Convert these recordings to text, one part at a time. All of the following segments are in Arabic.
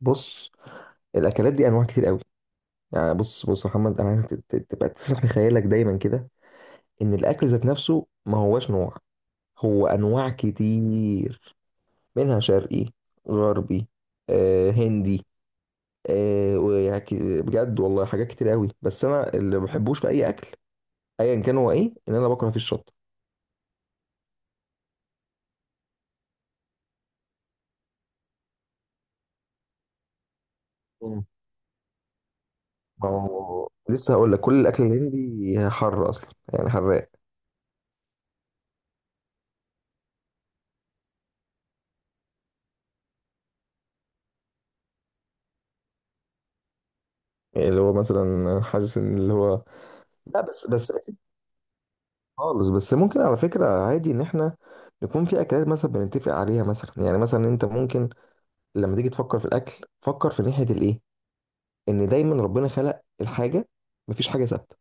بص، الاكلات دي انواع كتير قوي. يعني بص بص يا محمد، انا عايزك تبقى تسرح بخيالك دايما كده. ان الاكل ذات نفسه ما هواش نوع، هو انواع كتير. منها شرقي، غربي، هندي، ويعني بجد والله حاجات كتير قوي، بس انا اللي ما بحبوش في اي اكل ايا كان هو ايه، ان انا بكره فيه الشطه. مم. ما هو لسه هقول لك، كل الاكل الهندي حر اصلا، يعني حراق. يعني اللي هو مثلا حاسس ان اللي هو، لا، بس خالص. بس ممكن على فكرة عادي، ان احنا يكون في اكلات مثلا بنتفق عليها. مثلا يعني مثلا انت ممكن لما تيجي تفكر في الاكل، فكر في ناحية الايه، ان دايما ربنا خلق الحاجة، مفيش حاجة ثابتة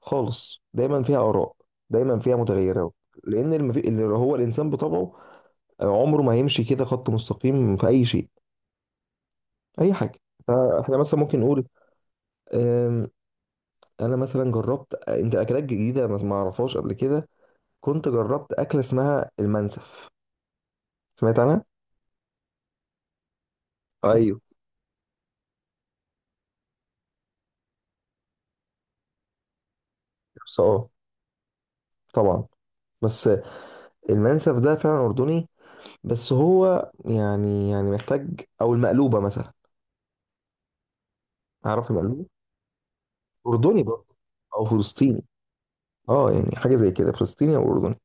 خالص، دايما فيها اراء، دايما فيها متغيرات. لان اللي هو الانسان بطبعه عمره ما هيمشي كده خط مستقيم في اي شيء، اي حاجة. فاحنا مثلا ممكن نقول أم، انا مثلا جربت انت اكلات جديدة ما اعرفهاش قبل كده. كنت جربت اكلة اسمها المنسف، سمعت عنها. ايوه، بس، طبعا. بس المنسف ده فعلا اردني، بس هو يعني محتاج، او المقلوبه مثلا. عارف المقلوبه، اردني برضه، او فلسطيني. اه، يعني حاجه زي كده، فلسطيني او اردني،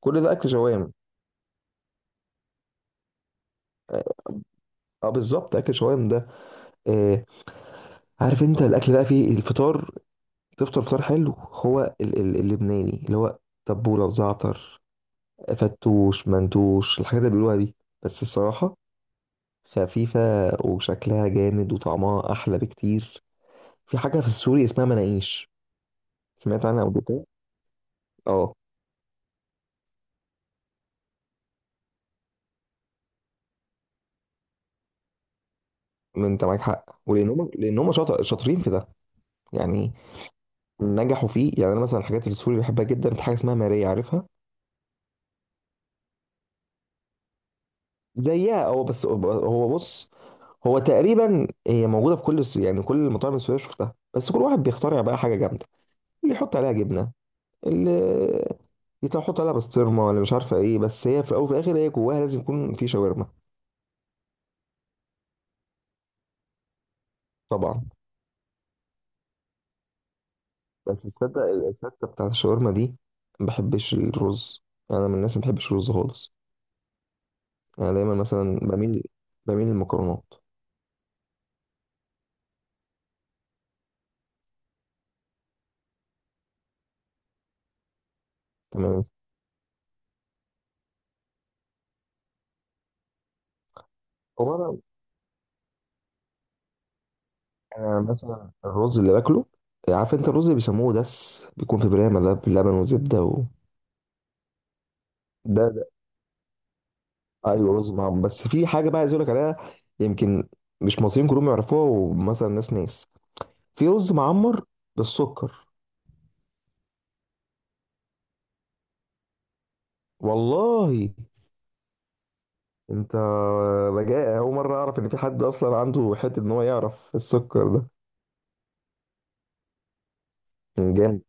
كل ده اكل شوام. اه، بالظبط، اكل شوام ده. آه. عارف انت الاكل بقى فيه الفطار؟ تفطر فطار حلو هو اللبناني اللي هو تبوله وزعتر، فتوش، منتوش، الحاجات اللي بيقولوها دي. بس الصراحه خفيفة، وشكلها جامد وطعمها أحلى بكتير. في حاجة في السوري اسمها مناقيش، سمعت عنها قبل كده؟ اه. ما انت معاك حق، لانهم شاطرين في ده، يعني نجحوا فيه. يعني انا مثلا الحاجات السوري بحبها جدا. في حاجه اسمها ماريا، عارفها، زيها هو. بس هو بص، هو تقريبا هي موجوده في كل يعني كل المطاعم السوريه شفتها، بس كل واحد بيخترع بقى حاجه جامده. اللي يحط عليها جبنه، اللي يحط عليها بسطرمه، ولا مش عارفه ايه، بس هي في الاول وفي الاخر هي جواها لازم يكون في شاورما. طبعا. بس تصدق الفتة بتاعت الشاورما دي، ما بحبش الرز. انا من الناس ما بحبش الرز خالص. انا دايما مثلا بميل للمكرونات. تمام. هو انا مثلا الرز اللي باكله، عارف انت الرز اللي بيسموه دس، بيكون في برامه ده بلبن وزبده و... ده، ايوه، رز معمر. بس في حاجه بقى عايز اقول لك عليها، يمكن مش مصريين كلهم يعرفوها، ومثلا ناس ناس. في رز معمر بالسكر. والله؟ انت بجاء اول مره اعرف ان في حد اصلا عنده حته ان هو يعرف السكر ده. جامد،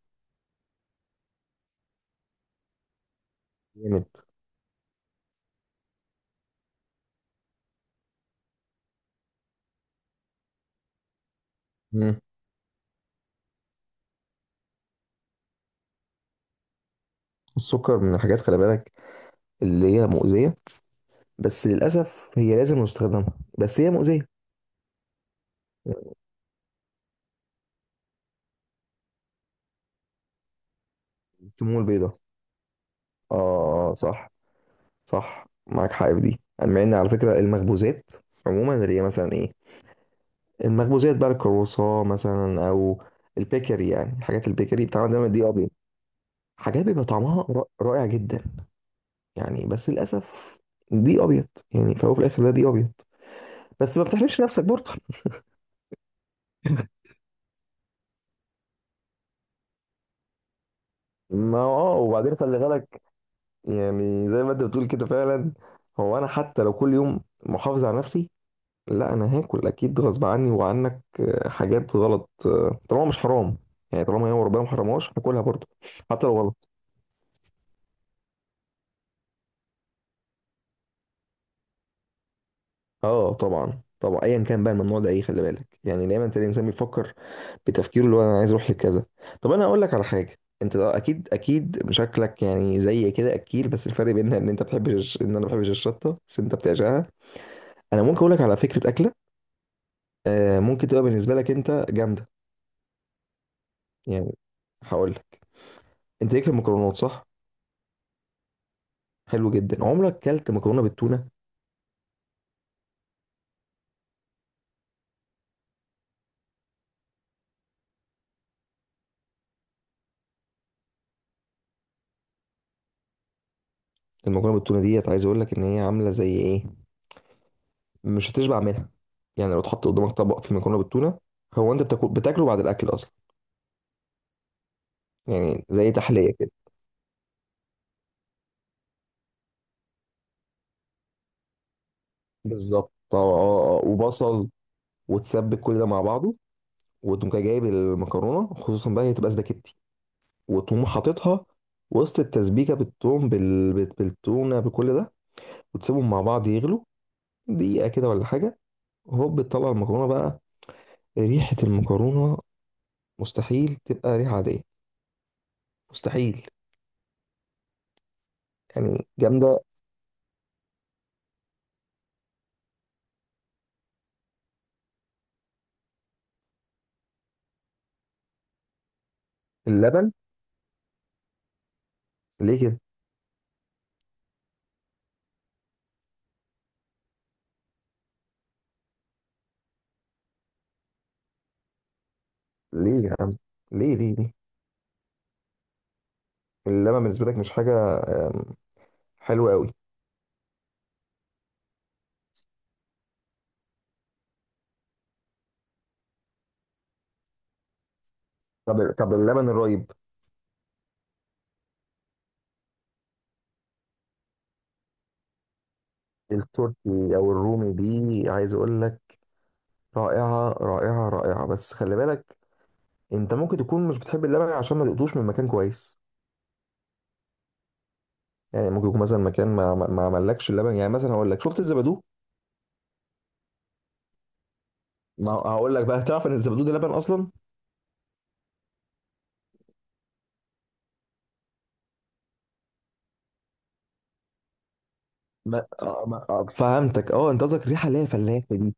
جامد. مم. السكر من الحاجات، خلي بالك، اللي هي مؤذيه. بس للاسف هي لازم نستخدمها، بس هي مؤذيه. السموم البيضاء، اه، صح، صح، معاك حق في دي. أنا مع ان على فكره المخبوزات عموما، اللي هي مثلا ايه، المخبوزات بقى، الكرواسون مثلا، او البيكري، يعني حاجات البيكري بتاعنا دايما دي ابيض. حاجات بيبقى طعمها رائع جدا، يعني. بس للاسف دي ابيض، يعني فهو في الاخر ده دي ابيض. بس ما بتحرمش نفسك برضه. ما هو، وبعدين خلي بالك، يعني زي ما انت بتقول كده فعلا. هو انا حتى لو كل يوم محافظ على نفسي، لا، انا هاكل اكيد غصب عني وعنك حاجات غلط، طالما مش حرام، يعني طالما هي ربنا ما حرمهاش، هاكلها برضه حتى لو غلط. اه طبعا، طبعا، ايا كان بقى الممنوع ده ايه، خلي بالك، يعني دايما تلاقي الانسان بيفكر بتفكيره اللي هو انا عايز اروح لكذا. طب انا اقول لك على حاجه، انت ده اكيد، اكيد شكلك يعني زي كده اكيل، بس الفرق بيننا ان انت بتحب ان انا ما بحبش الشطه، بس انت بتعشقها. انا ممكن اقول لك على فكره اكله، ممكن تبقى بالنسبه لك انت جامده. يعني هقول لك، انت ليك في المكرونات، صح؟ حلو جدا، عمرك كلت مكرونه بالتونه؟ المكرونه بالتونه ديت عايز اقول لك ان هي عامله زي ايه، مش هتشبع منها. يعني لو اتحط قدامك طبق فيه مكرونه بالتونه، هو انت بتاكله بعد الاكل اصلا، يعني زي تحليه كده. بالظبط، وبصل، وتسبك كل ده مع بعضه، وتقوم جاي جايب المكرونه، خصوصا بقى هي تبقى سباكيتي، وتقوم حاططها وسط التسبيكه بالثوم، بالتونه، بكل ده، وتسيبهم مع بعض يغلوا دقيقه كده ولا حاجه. هوب، بتطلع المكرونه بقى. ريحه المكرونه مستحيل تبقى ريحه عاديه، مستحيل، يعني جامده. اللبن؟ ليه كده؟ ليه يا عم، ليه ليه ليه؟ اللبن بالنسبه لك مش حاجه أم، حلوه قوي؟ طب اللبن الرايب، التركي او الرومي دي، عايز اقول لك، رائعه رائعه رائعه. بس خلي بالك، انت ممكن تكون مش بتحب اللبن عشان ما دقتوش من مكان كويس. يعني ممكن يكون مثلا مكان ما عملكش اللبن. يعني مثلا هقول لك، شفت الزبادو؟ ما هقول لك بقى، تعرف ان الزبادو ده لبن اصلا؟ ما, آه، ما آه، فهمتك. اه، انت قصدك الريحه اللي هي الفلاحي دي؟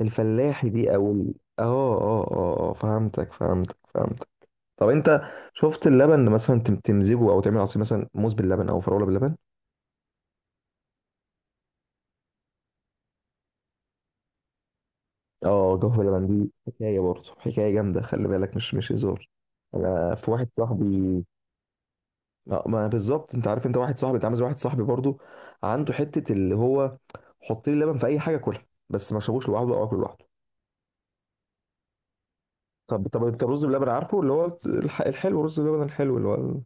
الفلاحي دي او اه فهمتك، فهمتك، فهمتك. طب انت شفت اللبن اللي مثلا تمزجه او تعمل عصير، مثلا موز باللبن او فراوله باللبن؟ اه، جوه باللبن دي حكايه برضه، حكايه جامده، خلي بالك، مش هزار. انا في واحد صاحبي، ما بالظبط، انت عارف، انت واحد صاحبي، انت عامل زي واحد صاحبي برضه، عنده حته اللي هو، حط لي لبن في اي حاجه كلها، بس ما شربوش لوحده او اكل لوحده. طب انت الرز بلبن، عارفه؟ اللي هو الحلو، الرز بلبن الحلو، اللي هو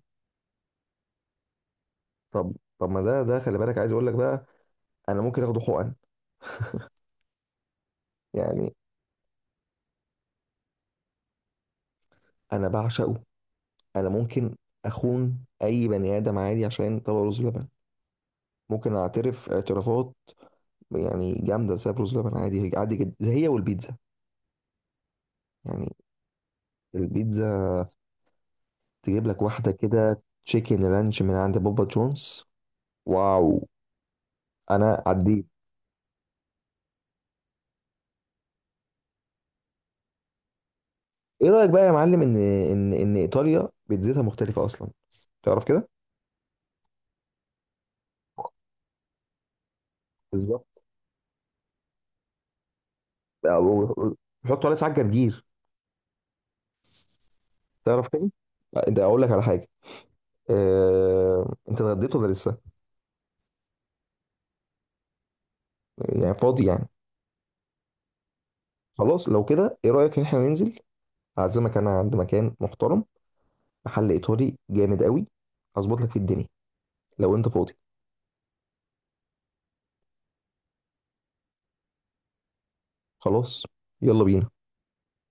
طب طب ما ده، خلي بالك، عايز اقول لك بقى، انا ممكن اخده حقن، يعني انا بعشقه. انا ممكن اخون اي بني ادم عادي عشان طبق رز بلبن، ممكن اعترف اعترافات، يعني جامده، بسبب رز لبن. عادي، عادي جدا، زي هي والبيتزا. يعني البيتزا، تجيب لك واحده كده تشيكن رانش من عند بابا جونز. واو. انا عديت. ايه رايك بقى يا معلم، ان ان ايطاليا بيتزتها مختلفه اصلا، تعرف كده؟ بالظبط. بيحطوا عليه ساعات جرجير، تعرف كده؟ لا، ده اقول لك على حاجه، انت اتغديت ولا لسه؟ يعني فاضي يعني؟ خلاص، لو كده ايه رأيك ان احنا ننزل، اعزمك انا عند مكان محترم، محل ايطالي جامد قوي، هظبط لك في الدنيا، لو انت فاضي. خلاص، يلا بينا.